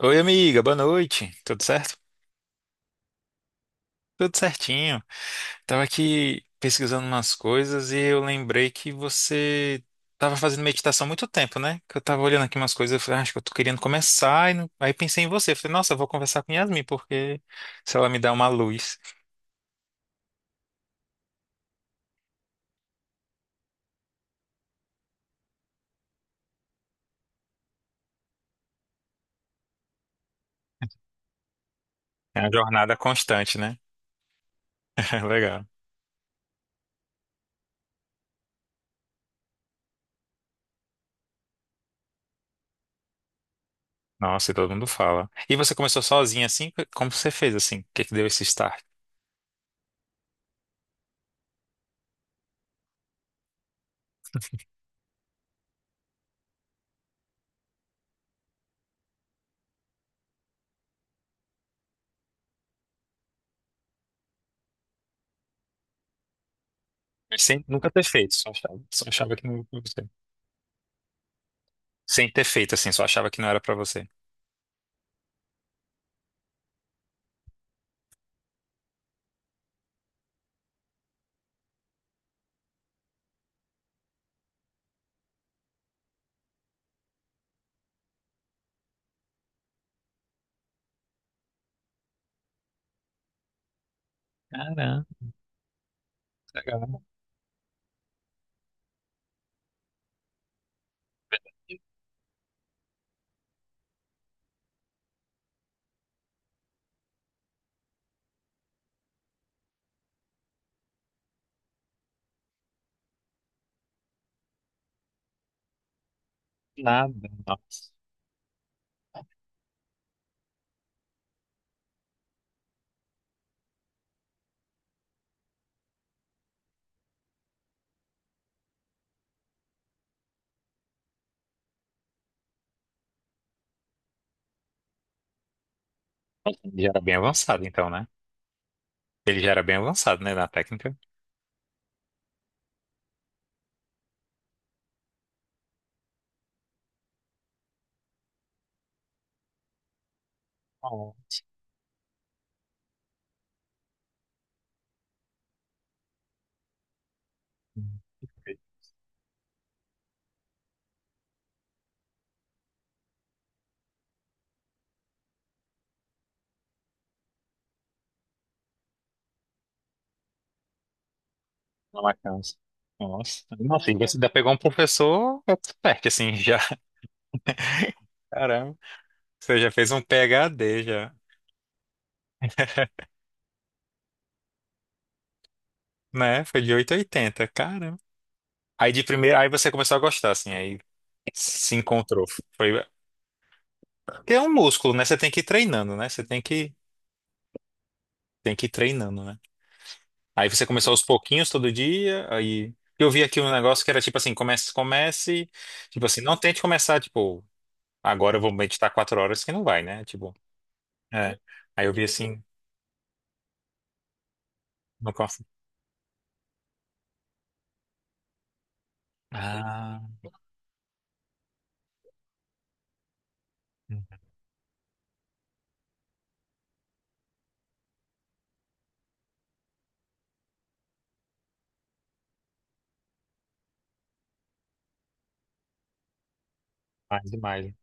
Oi, amiga, boa noite. Tudo certo? Tudo certinho. Tava aqui pesquisando umas coisas e eu lembrei que você tava fazendo meditação há muito tempo, né? Que eu tava olhando aqui umas coisas, eu falei, "Ah, acho que eu tô querendo começar. Aí pensei em você. Falei, nossa, eu vou conversar com Yasmin, porque se ela me dá uma luz. É uma jornada constante, né? Legal. Nossa, e todo mundo fala. E você começou sozinha assim? Como você fez assim? O que que deu esse start? Sem nunca ter feito, só achava que não. Sem ter feito assim, só achava que não era pra você. Caramba, legal. Nada, nossa. Ele já era bem avançado, então, né? Ele já era bem avançado, né, na técnica. Oh, na Mackenzie. Nossa, nossa, e você ainda pegou um professor expert, assim, já. Caramba, você já fez um PhD, já, né? Foi de 880, caramba. Aí de primeira, aí você começou a gostar, assim, aí se encontrou. Foi, porque é um músculo, né? Você tem que ir treinando, né? Tem que ir treinando, né? Aí você começou aos pouquinhos todo dia, aí eu vi aqui um negócio que era tipo assim, comece, comece, tipo assim, não tente começar, tipo, agora eu vou meditar 4 horas que não vai, né? Tipo, é. Aí eu vi assim, não consigo. Ah, mais demais.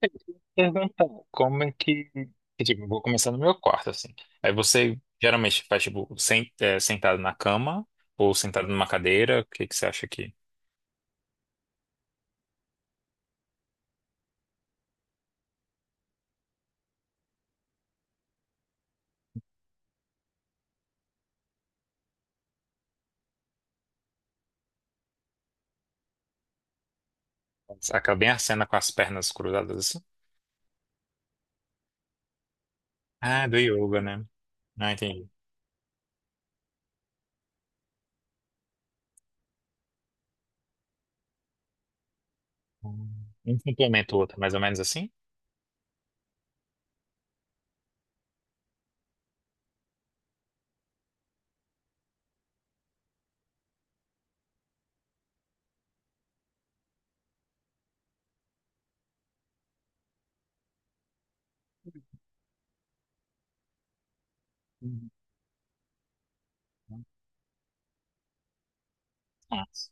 Eu queria perguntar como é que, tipo, eu vou começar no meu quarto, assim. Aí você geralmente faz, tipo, é, sentado na cama ou sentado numa cadeira, o que que você acha que acaba bem a cena com as pernas cruzadas assim? Ah, do yoga, né? Não entendi. Hum. Um complementa o outro, mais ou menos assim? Uhum. Nossa.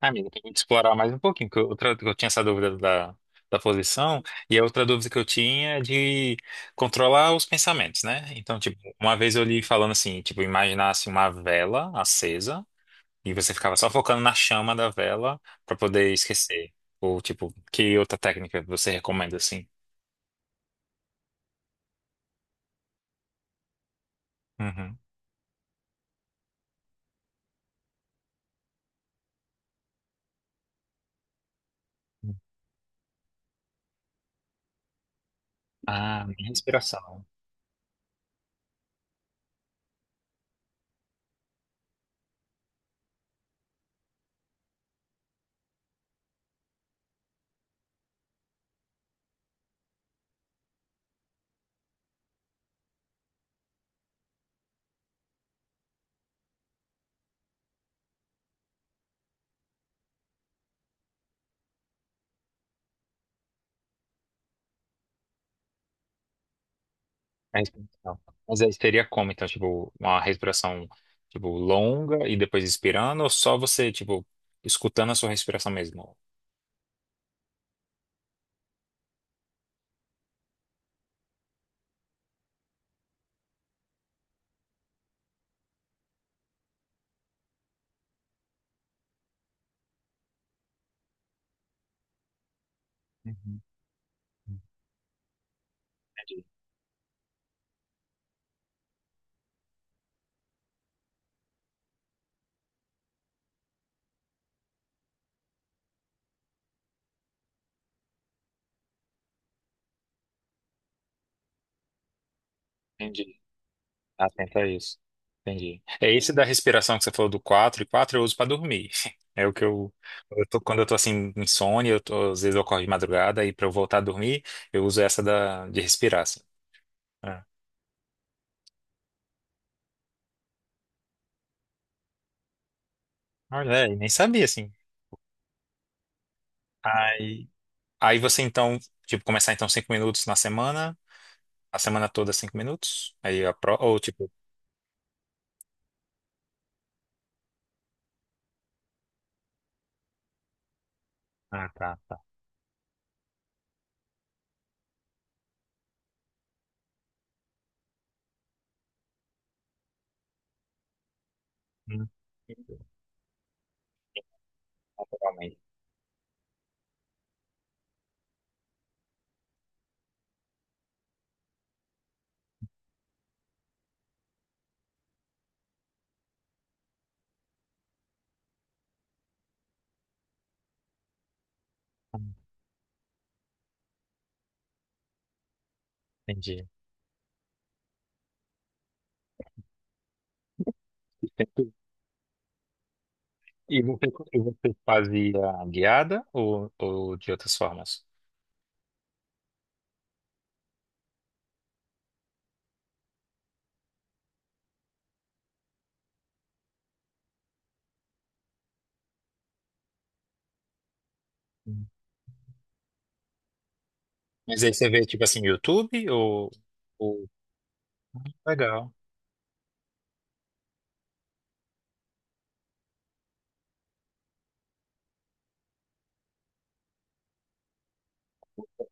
Ah, amigo, tem que explorar mais um pouquinho, porque outra, eu tinha essa dúvida da posição, e a outra dúvida que eu tinha é de controlar os pensamentos, né? Então, tipo, uma vez eu li falando assim, tipo, imaginasse uma vela acesa, e você ficava só focando na chama da vela pra poder esquecer. Ou, tipo, que outra técnica você recomenda, assim? Uhum. Ah, minha respiração. A respiração. Mas aí seria como, então, tipo, uma respiração, tipo, longa e depois expirando, ou só você, tipo, escutando a sua respiração mesmo? Uhum. Entendi, entendi. Atenta a isso. Entendi. É esse da respiração que você falou do 4 e 4 eu uso pra dormir. É o que eu tô- Quando eu tô assim insônia, às vezes eu acordo de madrugada e pra eu voltar a dormir, eu uso essa da de respirar assim. É. Olha, é, e nem sabia assim. Aí, aí você então, tipo, começar então 5 minutos na semana, a semana toda 5 minutos. Aí a pro, ou tipo, ah, tá, tá. Hum, naturalmente. Hum, Entendi. E você, e você fazia guiada ou de outras formas? Hum. Mas aí você vê, tipo assim, YouTube ou... Legal.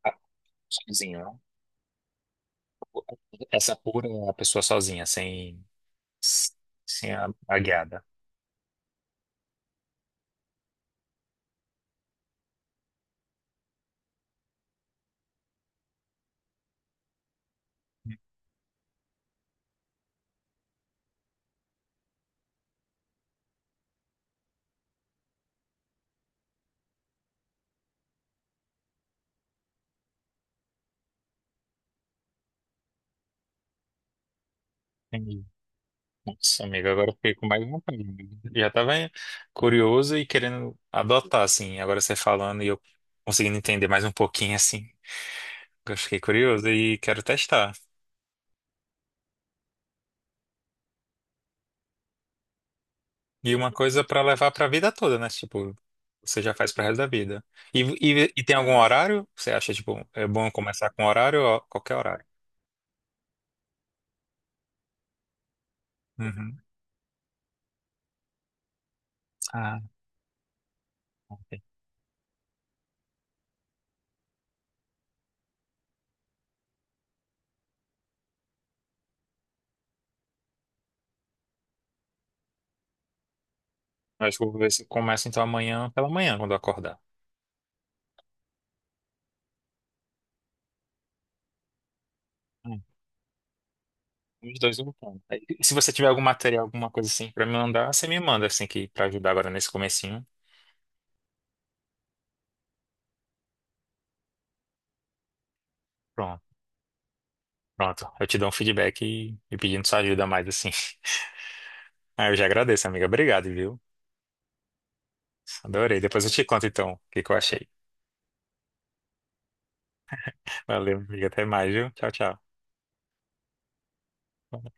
Ah, sozinho, né? Essa pura, é a pessoa sozinha, sem, sem a, a guiada. Entendi. Nossa, amigo, agora eu fiquei com mais vontade, né? Já tava curioso e querendo adotar, assim. Agora você falando e eu conseguindo entender mais um pouquinho, assim. Eu fiquei curioso e quero testar. E uma coisa pra levar pra vida toda, né? Tipo, você já faz pro resto da vida. E tem algum horário? Você acha, tipo, é bom começar com horário ou qualquer horário? Uhum. Ah, ok. Eu acho que eu vou ver se começa então amanhã pela manhã, quando eu acordar. Hum, Os dois lutando. Aí, se você tiver algum material, alguma coisa assim pra me mandar, você me manda assim que para ajudar agora nesse comecinho. Pronto. Pronto. Eu te dou um feedback e pedindo sua ajuda mais assim. Ah, eu já agradeço, amiga. Obrigado, viu? Adorei. Depois eu te conto então o que que eu achei. Valeu, amiga. Até mais, viu? Tchau, tchau. Fala.